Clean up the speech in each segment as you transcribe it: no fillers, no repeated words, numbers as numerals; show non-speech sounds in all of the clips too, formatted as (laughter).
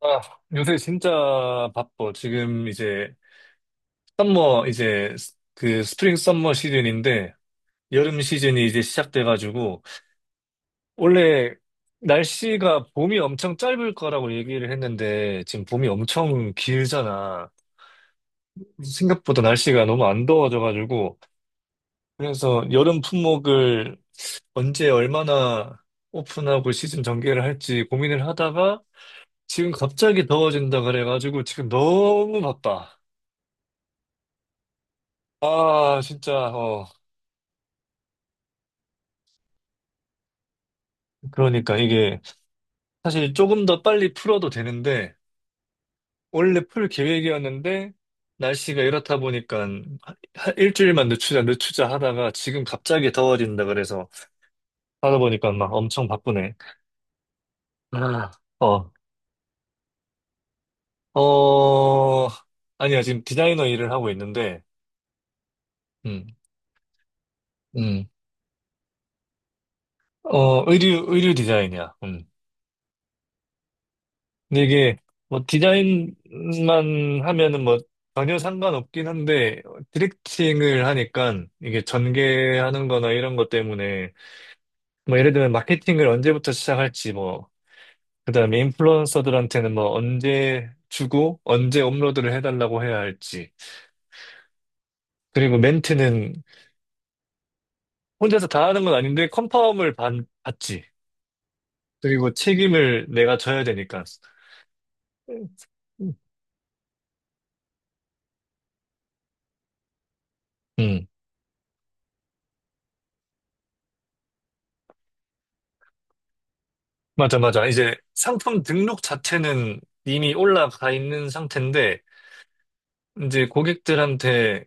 아, 요새 진짜 바빠. 지금 이제 썸머 이제 스프링 썸머 시즌인데 여름 시즌이 이제 시작돼가지고 원래 날씨가 봄이 엄청 짧을 거라고 얘기를 했는데 지금 봄이 엄청 길잖아. 생각보다 날씨가 너무 안 더워져가지고 그래서 여름 품목을 언제 얼마나 오픈하고 시즌 전개를 할지 고민을 하다가 지금 갑자기 더워진다 그래가지고 지금 너무 바빠. 아, 진짜, 어, 그러니까 이게 사실 조금 더 빨리 풀어도 되는데, 원래 풀 계획이었는데, 날씨가 이렇다 보니까 일주일만 늦추자, 늦추자 하다가 지금 갑자기 더워진다 그래서 하다 보니까 막 엄청 바쁘네. 아, 어, 어, 아니야, 지금 디자이너 일을 하고 있는데, 음, 음, 어, 의류 디자인이야. 근데 이게 뭐 디자인만 하면은 뭐 전혀 상관없긴 한데 디렉팅을 하니까 이게 전개하는 거나 이런 것 때문에 뭐 예를 들면 마케팅을 언제부터 시작할지 뭐 그다음에 인플루언서들한테는 뭐 언제 주고 언제 업로드를 해달라고 해야 할지 그리고 멘트는 혼자서 다 하는 건 아닌데 받지. 그리고 책임을 내가 져야 되니까 음. 맞아, 맞아. 이제 상품 등록 자체는 이미 올라가 있는 상태인데, 이제 고객들한테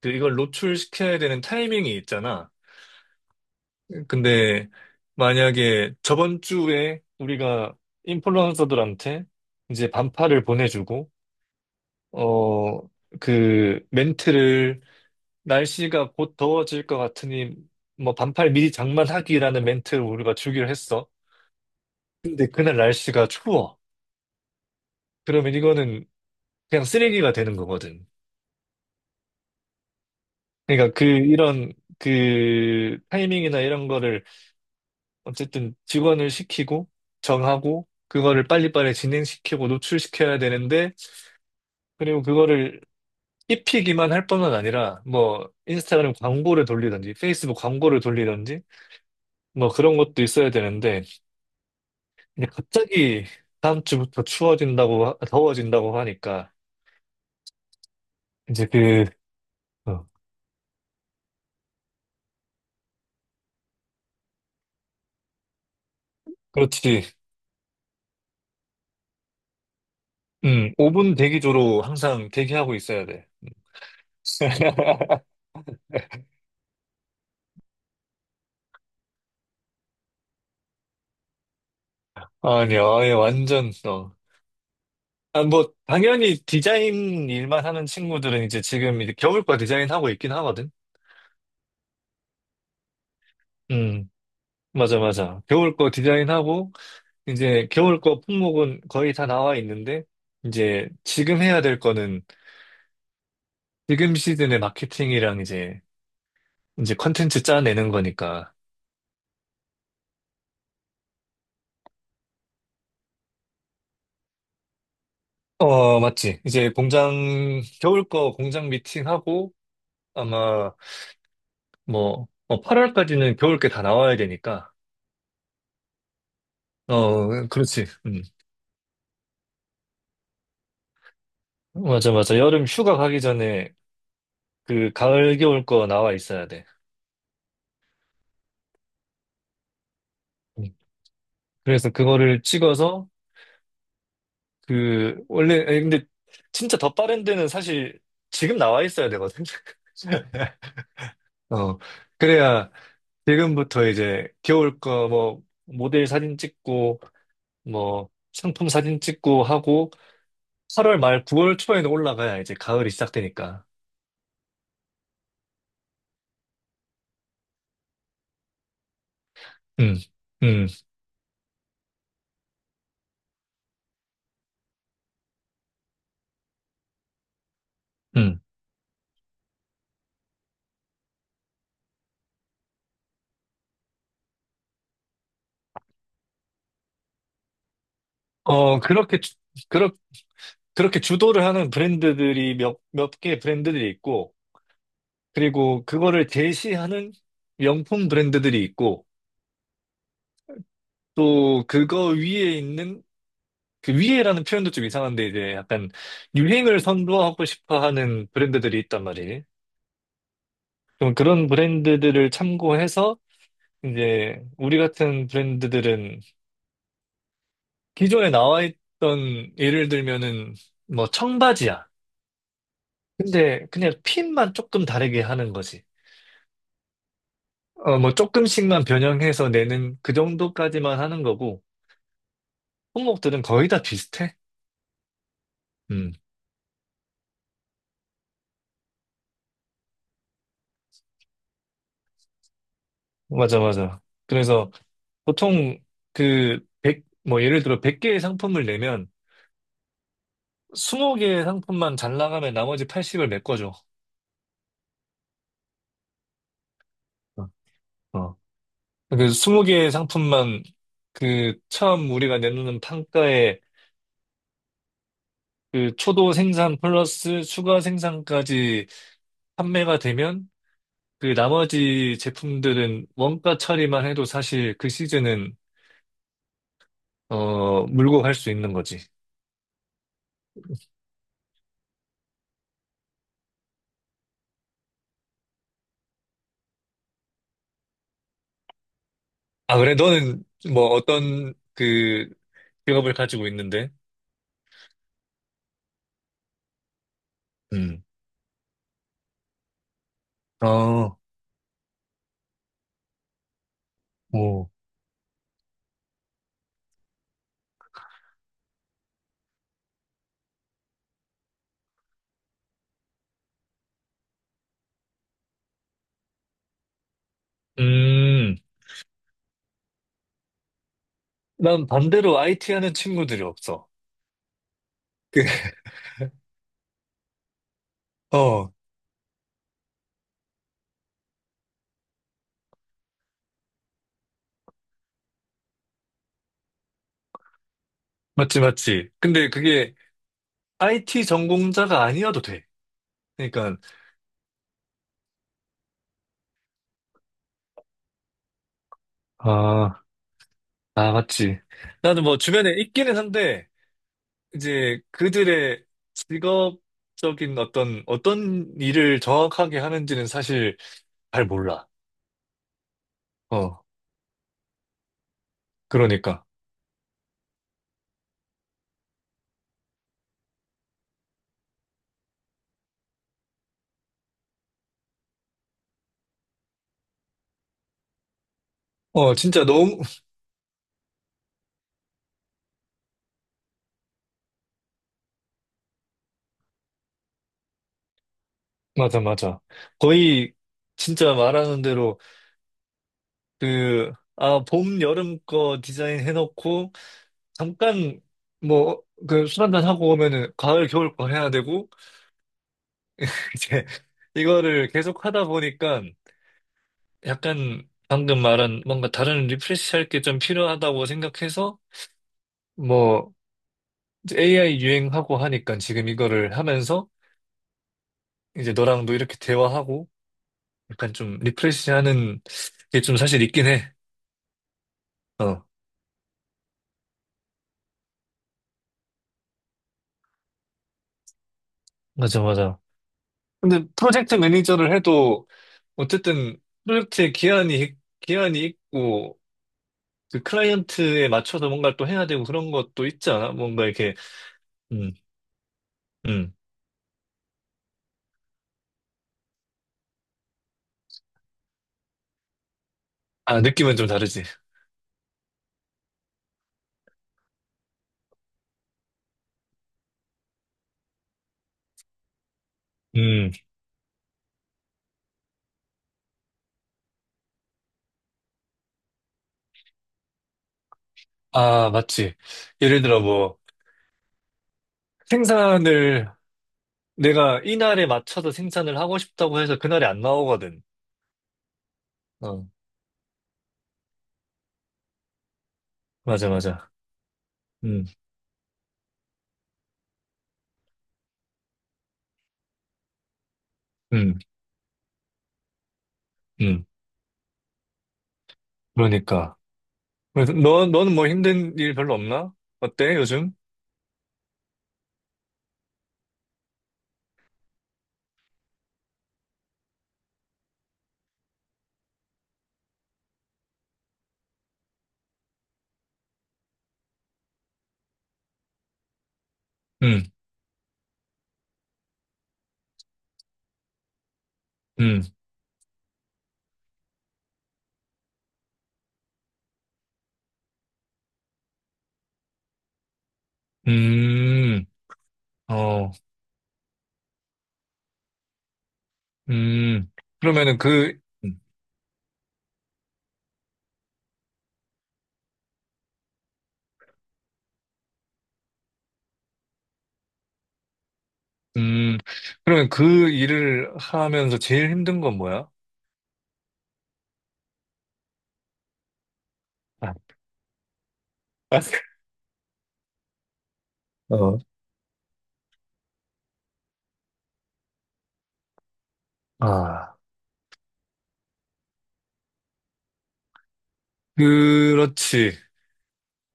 그 이걸 노출시켜야 되는 타이밍이 있잖아. 근데 만약에 저번 주에 우리가 인플루언서들한테 이제 반팔을 보내주고, 어, 그 멘트를 날씨가 곧 더워질 것 같으니 뭐 반팔 미리 장만하기라는 멘트를 우리가 주기로 했어. 근데 그날 날씨가 추워. 그러면 이거는 그냥 쓰레기가 되는 거거든. 그러니까 그 이런 그 타이밍이나 이런 거를 어쨌든 직원을 시키고 정하고 그거를 빨리빨리 진행시키고 노출시켜야 되는데 그리고 그거를 입히기만 할 뿐만 아니라 뭐 인스타그램 광고를 돌리든지 페이스북 광고를 돌리든지 뭐 그런 것도 있어야 되는데 이제 갑자기 다음 주부터 더워진다고 하니까 이제 그 어, 그렇지. 5분 대기조로 항상 대기하고 있어야 돼. (laughs) 아니요, 아예 완전, 어. 아, 뭐, 당연히 디자인 일만 하는 친구들은 이제 지금 이제 겨울 거 디자인하고 있긴 하거든? 음, 맞아, 맞아. 겨울 거 디자인하고, 이제 겨울 거 품목은 거의 다 나와 있는데, 이제 지금 해야 될 거는 지금 시즌의 마케팅이랑 이제, 이제 컨텐츠 짜내는 거니까. 어, 맞지. 이제 공장, 겨울 거 공장 미팅하고, 아마 뭐, 8월까지는 겨울 게 다 나와야 되니까. 어, 그렇지. 음. 맞아, 맞아. 여름 휴가 가기 전에 그 가을, 겨울 거 나와 있어야 돼. 음. 그래서 그거를 찍어서 그, 원래, 아니, 근데 진짜 더 빠른 데는 사실 지금 나와 있어야 되거든. (laughs) 어, 그래야 지금부터 이제 겨울 거 뭐 모델 사진 찍고 뭐 상품 사진 찍고 하고 8월 말 9월 초에는 올라가야 이제 가을이 시작되니까. 음, 음, 음. 어, 그렇게 주도를 하는 브랜드들이 몇 개 브랜드들이 있고, 그리고 그거를 제시하는 명품 브랜드들이 있고, 또 그거 위에 있는, 그 위에라는 표현도 좀 이상한데, 이제 약간 유행을 선도하고 싶어 하는 브랜드들이 있단 말이에요. 그럼 그런 브랜드들을 참고해서, 이제 우리 같은 브랜드들은 기존에 나와 있던 예를 들면은 뭐 청바지야. 근데 그냥 핀만 조금 다르게 하는 거지. 어, 뭐 조금씩만 변형해서 내는 그 정도까지만 하는 거고, 품목들은 거의 다 비슷해. 음, 맞아, 맞아. 그래서 보통 그 백 뭐 예를 들어 100개의 상품을 내면 20개의 상품만 잘 나가면 나머지 80을 메꿔줘. 어, 어. 그 20개의 상품만 그 처음 우리가 내놓는 판가에 그 초도 생산 플러스 추가 생산까지 판매가 되면 그 나머지 제품들은 원가 처리만 해도 사실 그 시즌은 어, 물고 갈 수 있는 거지. 아, 그래? 너는 뭐 어떤 그 직업을 가지고 있는데? 음. 어, 뭐. 음. 난 반대로 IT 하는 친구들이 없어. 그, (laughs) 어, 맞지. 근데 그게 IT 전공자가 아니어도 돼. 그러니까, 아, 아, 맞지. 나는 뭐 주변에 있기는 한데, 이제 그들의 직업적인 어떤 일을 정확하게 하는지는 사실 잘 몰라. 어, 그러니까. 어, 진짜 너무, (laughs) 맞아, 맞아. 거의, 진짜 말하는 대로, 그, 아, 봄, 여름 거 디자인 해놓고, 잠깐, 뭐, 그, 술 한잔 하고 오면은, 가을, 겨울 거 해야 되고, (laughs) 이제, 이거를 계속 하다 보니까, 약간, 방금 말한, 뭔가 다른 리프레시 할 게 좀 필요하다고 생각해서, 뭐, 이제 AI 유행하고 하니까, 지금 이거를 하면서, 이제 너랑도 이렇게 대화하고, 약간 좀 리프레시 하는 게 좀 사실 있긴 해. 어. 맞아, 맞아. 근데 프로젝트 매니저를 해도 어쨌든 프로젝트에 기한이 있고 그 클라이언트에 맞춰서 뭔가를 또 해야 되고 그런 것도 있지 않아? 뭔가 이렇게, 음, 음. 아, 느낌은 좀 다르지. 음. 아, 맞지. 예를 들어 뭐 생산을 내가 이날에 맞춰서 생산을 하고 싶다고 해서 그날에 안 나오거든. 어, 맞아, 맞아. 음, 음, 음. 그러니까. 그래서 너는 뭐 힘든 일 별로 없나? 어때, 요즘? 음, 음. 음, 어, 음. 그러면은 그, 음, 그러면 그 일을 하면서 제일 힘든 건 뭐야? 아, 아, 어, (laughs) 아, 그렇지.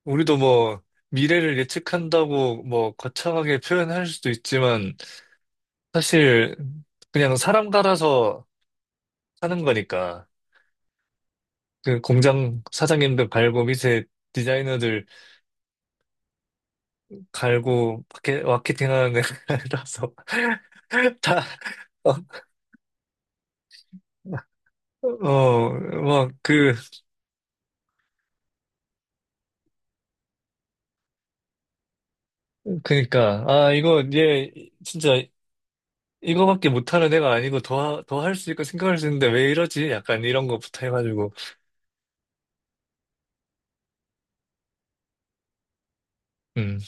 우리도 뭐, 미래를 예측한다고 뭐, 거창하게 표현할 수도 있지만, 사실, 그냥 사람 갈아서 사는 거니까. 그 공장 사장님들 갈고, 밑에 디자이너들 갈고, 마케팅 하는 애라서. (laughs) 다, 어, 어, 막, 그, 그니까, 아, 이거, 얘, 진짜, 이거밖에 못하는 애가 아니고, 더 할 수 있고 생각할 수 있는데, 왜 이러지? 약간 이런 거부터 해가지고, 음,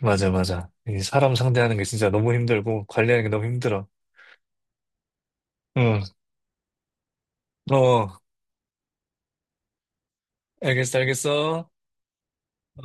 맞아, 맞아. 이 사람 상대하는 게 진짜 너무 힘들고, 관리하는 게 너무 힘들어. 응, 어, 알겠어, 알겠어. 어.